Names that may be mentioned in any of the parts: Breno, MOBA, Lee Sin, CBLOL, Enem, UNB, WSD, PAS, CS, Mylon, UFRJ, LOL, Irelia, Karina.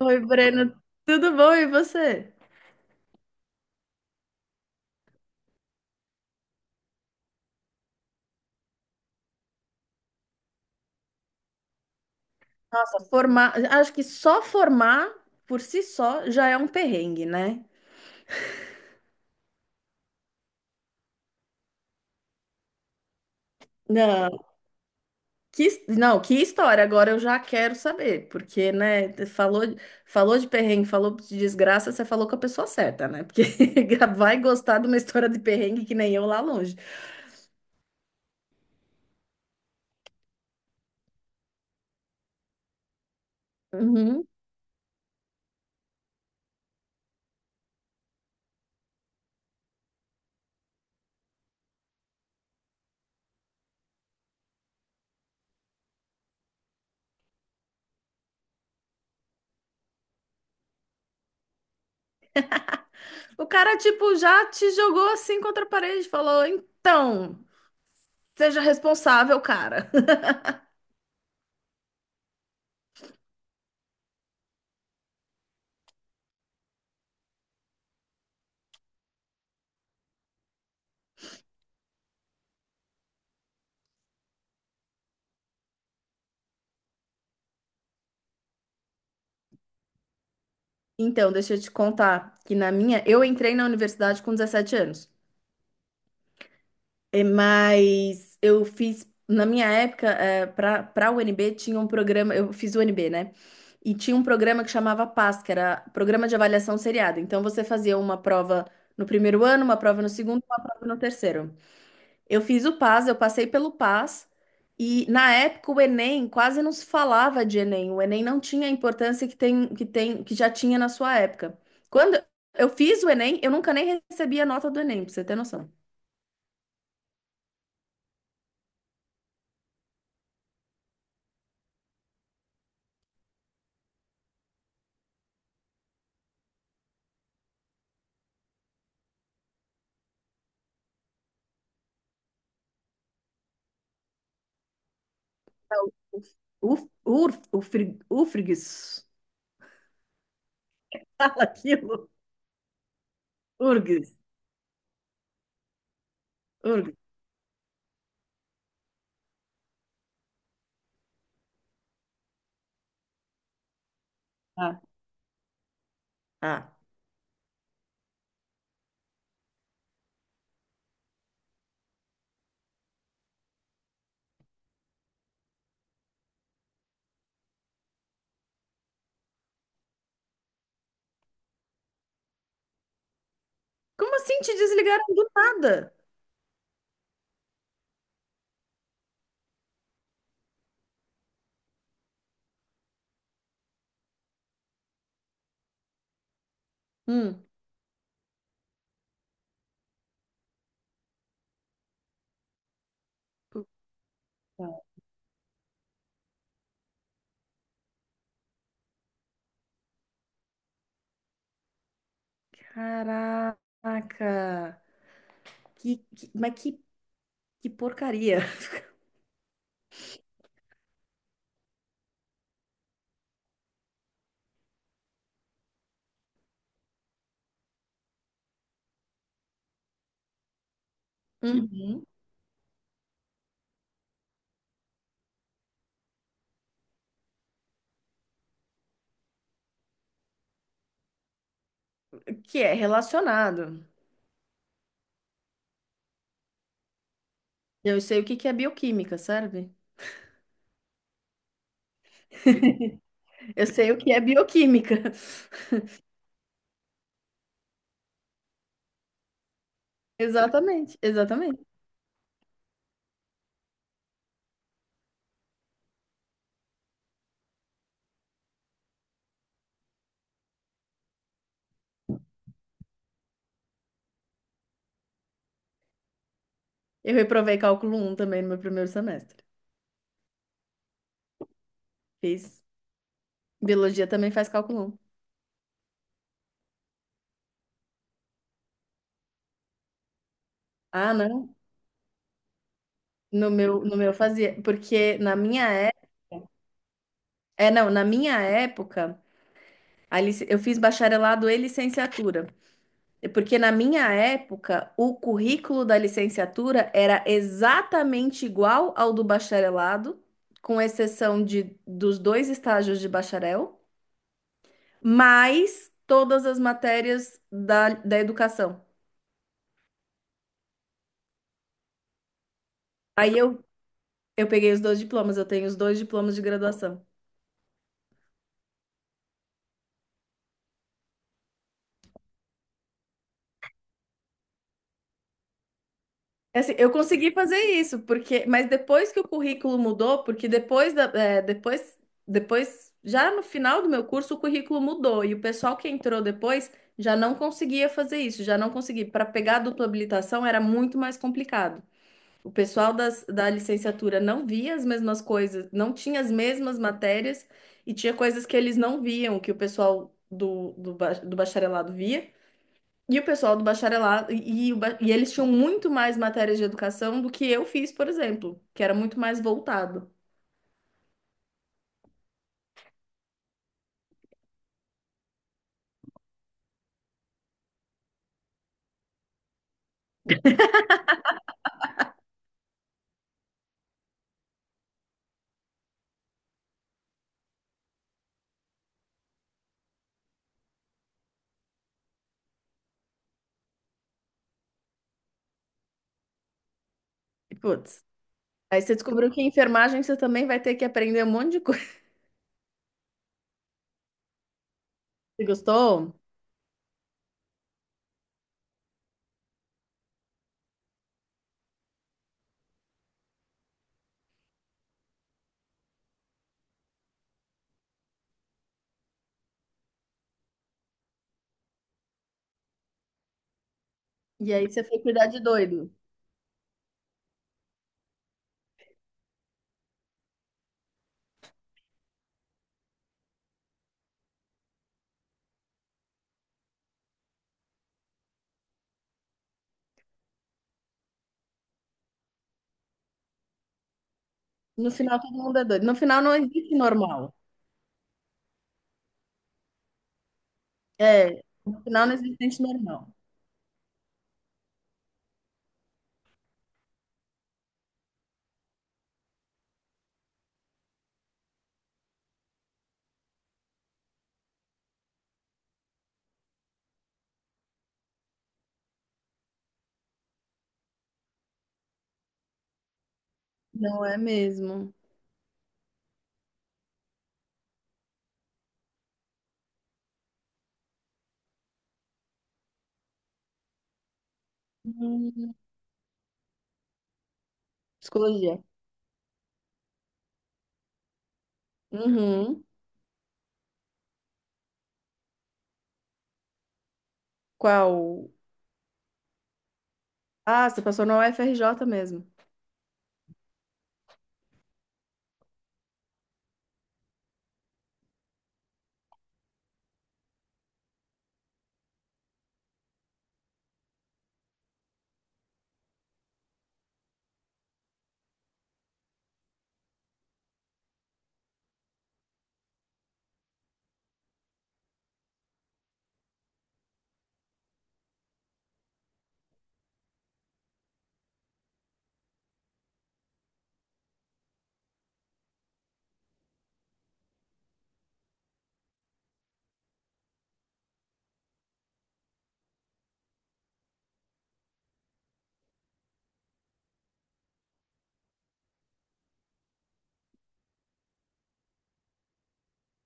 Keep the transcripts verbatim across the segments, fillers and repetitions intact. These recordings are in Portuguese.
Oi, Breno, tudo bom? E você? Nossa, formar, acho que só formar por si só já é um perrengue, né? Não, que, his- não, que história, agora eu já quero saber, porque, né, te- falou, falou de perrengue, falou de desgraça, você falou com a pessoa certa, né? Porque já vai gostar de uma história de perrengue que nem eu lá longe. Uhum. O cara, tipo, já te jogou assim contra a parede, falou, então, seja responsável, cara. Então, deixa eu te contar que na minha, eu entrei na universidade com dezessete anos. É, Mas eu fiz, na minha época, é, para para a U N B tinha um programa, eu fiz U N B, né? E tinha um programa que chamava P A S, que era Programa de Avaliação Seriada. Então você fazia uma prova no primeiro ano, uma prova no segundo, uma prova no terceiro. Eu fiz o P A S, eu passei pelo P A S, e na época o Enem quase não se falava de Enem. O Enem não tinha a importância que tem, que tem, que já tinha na sua época. Quando eu fiz o Enem, eu nunca nem recebi a nota do Enem, pra você ter noção. É o Uf, urf, ufrig, Ufrigs. Fala aquilo. Urgs. Urgs. Ah, ah. Como assim te desligaram do nada? Hum. Puta. Caraca. Que, que- mas que, que porcaria. Uhum. Que é relacionado. Eu sei o que que é bioquímica, sabe? Eu sei o que é bioquímica. Exatamente, exatamente. Eu reprovei cálculo um também no meu primeiro semestre. Fiz. Biologia também faz cálculo um. Ah, não. No meu, no meu fazia, porque na minha época, é, não, na minha época, a lic- eu fiz bacharelado e licenciatura. Porque na minha época, o currículo da licenciatura era exatamente igual ao do bacharelado, com exceção de, dos dois estágios de bacharel, mais todas as matérias da, da educação. Aí eu, eu peguei os dois diplomas, eu tenho os dois diplomas de graduação. Assim, eu consegui fazer isso, porque, mas depois que o currículo mudou, porque depois da, é, depois, depois, já no final do meu curso, o currículo mudou e o pessoal que entrou depois já não conseguia fazer isso, já não conseguia. Para pegar a dupla habilitação era muito mais complicado. O pessoal das, da licenciatura não via as mesmas coisas, não tinha as mesmas matérias e tinha coisas que eles não viam, que o pessoal do, do, ba- do bacharelado via. E o pessoal do bacharelado, e, e o ba- e eles tinham muito mais matérias de educação do que eu fiz, por exemplo, que era muito mais voltado. E, putz, aí você descobriu que em enfermagem você também vai ter que aprender um monte de coisa. Você gostou? E aí você foi cuidar de doido. No final todo mundo é doido. No final não existe normal. É, no final não existe gente normal. Não é mesmo. Hum, psicologia. Uhum. Qual? Ah, você passou na U F R J mesmo.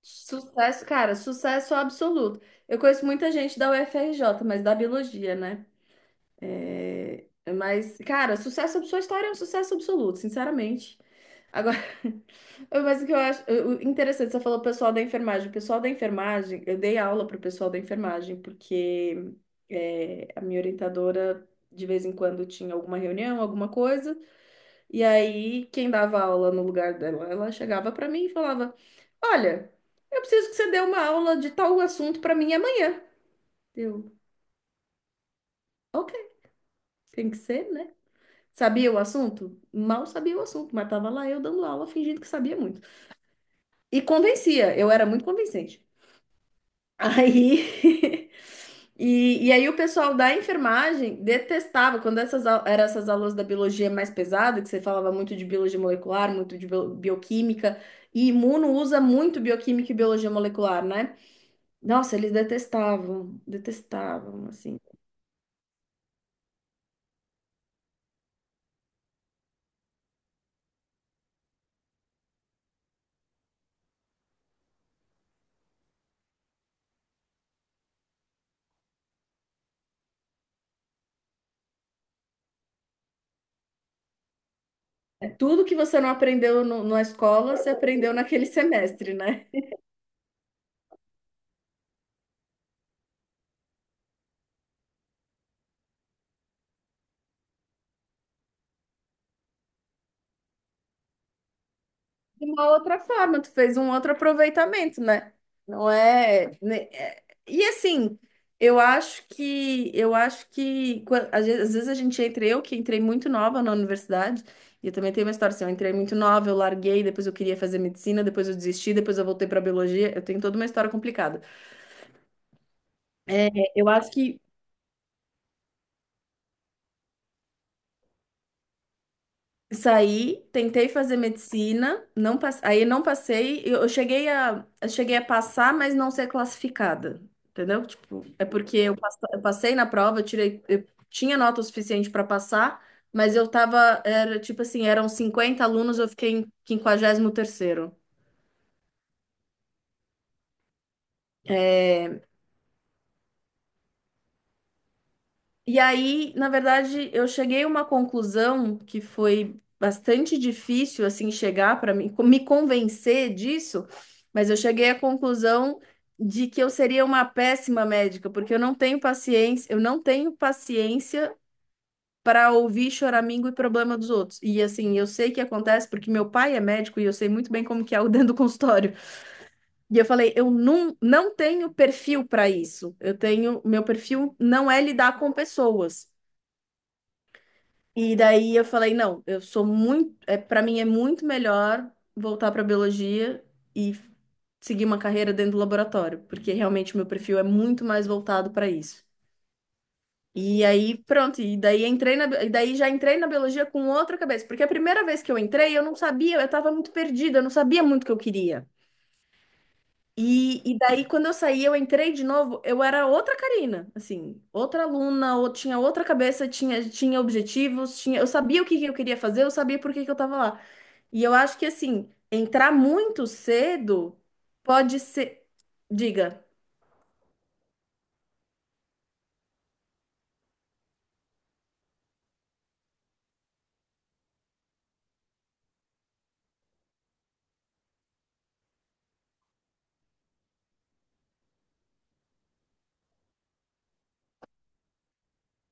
Sucesso, cara, sucesso absoluto. Eu conheço muita gente da U F R J, mas da biologia, né? É, mas, cara, sucesso, sua história é um sucesso absoluto, sinceramente. Agora, mas o que eu acho o- o interessante, você falou pessoal da enfermagem. O pessoal da enfermagem, eu dei aula pro pessoal da enfermagem, porque é, a minha orientadora, de vez em quando, tinha alguma reunião, alguma coisa. E aí, quem dava aula no lugar dela, ela chegava para mim e falava: Olha, eu preciso que você dê uma aula de tal assunto para mim amanhã. Eu, ok, tem que ser, né? Sabia o assunto? Mal sabia o assunto, mas tava lá eu dando aula fingindo que sabia muito. E convencia, eu era muito convincente. Aí. E, e aí o pessoal da enfermagem detestava quando essas au- eram essas aulas da biologia mais pesada, que você falava muito de biologia molecular, muito de bio- bioquímica, e imuno usa muito bioquímica e biologia molecular, né? Nossa, eles detestavam, detestavam, assim. É tudo que você não aprendeu no- na escola, você aprendeu naquele semestre, né? De uma outra forma, tu fez um outro aproveitamento, né? Não é, né, é- E assim, eu acho que eu acho que quan- às vezes às vezes a gente entra, eu que entrei muito nova na universidade, e eu também tenho uma história assim, eu entrei muito nova, eu larguei, depois eu queria fazer medicina, depois eu desisti, depois eu voltei para biologia, eu tenho toda uma história complicada. É, eu acho que saí, tentei fazer medicina, não pass... aí não passei. Eu eu cheguei a... eu cheguei a passar, mas não ser classificada, entendeu? Tipo, é porque eu pass- eu passei na prova, eu tirei, eu tinha nota o suficiente para passar, mas eu tava, era tipo assim, eram cinquenta alunos, eu fiquei em quinquagésimo terceiro. É, e aí, na verdade, eu cheguei a uma conclusão que foi bastante difícil assim chegar para mim, me convencer disso, mas eu cheguei à conclusão de que eu seria uma péssima médica, porque eu não tenho paciência, eu não tenho paciência para ouvir choramingo e problema dos outros. E assim, eu sei que acontece porque meu pai é médico e eu sei muito bem como que é o dentro do consultório. E eu falei, eu não, não tenho perfil para isso. Eu tenho, meu perfil não é lidar com pessoas. E daí eu falei, não, eu sou muito, é, para mim é muito melhor voltar para biologia e seguir uma carreira dentro do laboratório, porque realmente meu perfil é muito mais voltado para isso. E aí, pronto, e daí entrei na, e daí já entrei na biologia com outra cabeça, porque a primeira vez que eu entrei, eu não sabia, eu estava muito perdida, eu não sabia muito o que eu queria. E, e daí, quando eu saí, eu entrei de novo, eu era outra Karina, assim, outra aluna, ou tinha outra cabeça, tinha, tinha objetivos, tinha, eu sabia o que que eu queria fazer, eu sabia por que que eu tava lá. E eu acho que, assim, entrar muito cedo pode ser. Diga.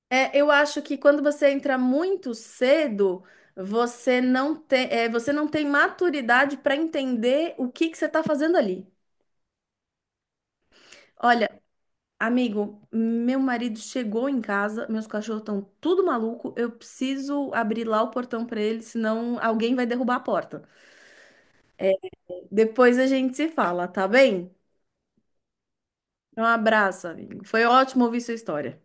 É, eu acho que quando você entra muito cedo, você não tem, é, você não tem maturidade para entender o que que você está fazendo ali. Olha, amigo, meu marido chegou em casa, meus cachorros estão tudo maluco, eu preciso abrir lá o portão para ele, senão alguém vai derrubar a porta. Depois a gente se fala, tá bem? Um abraço, amigo. Foi ótimo ouvir sua história.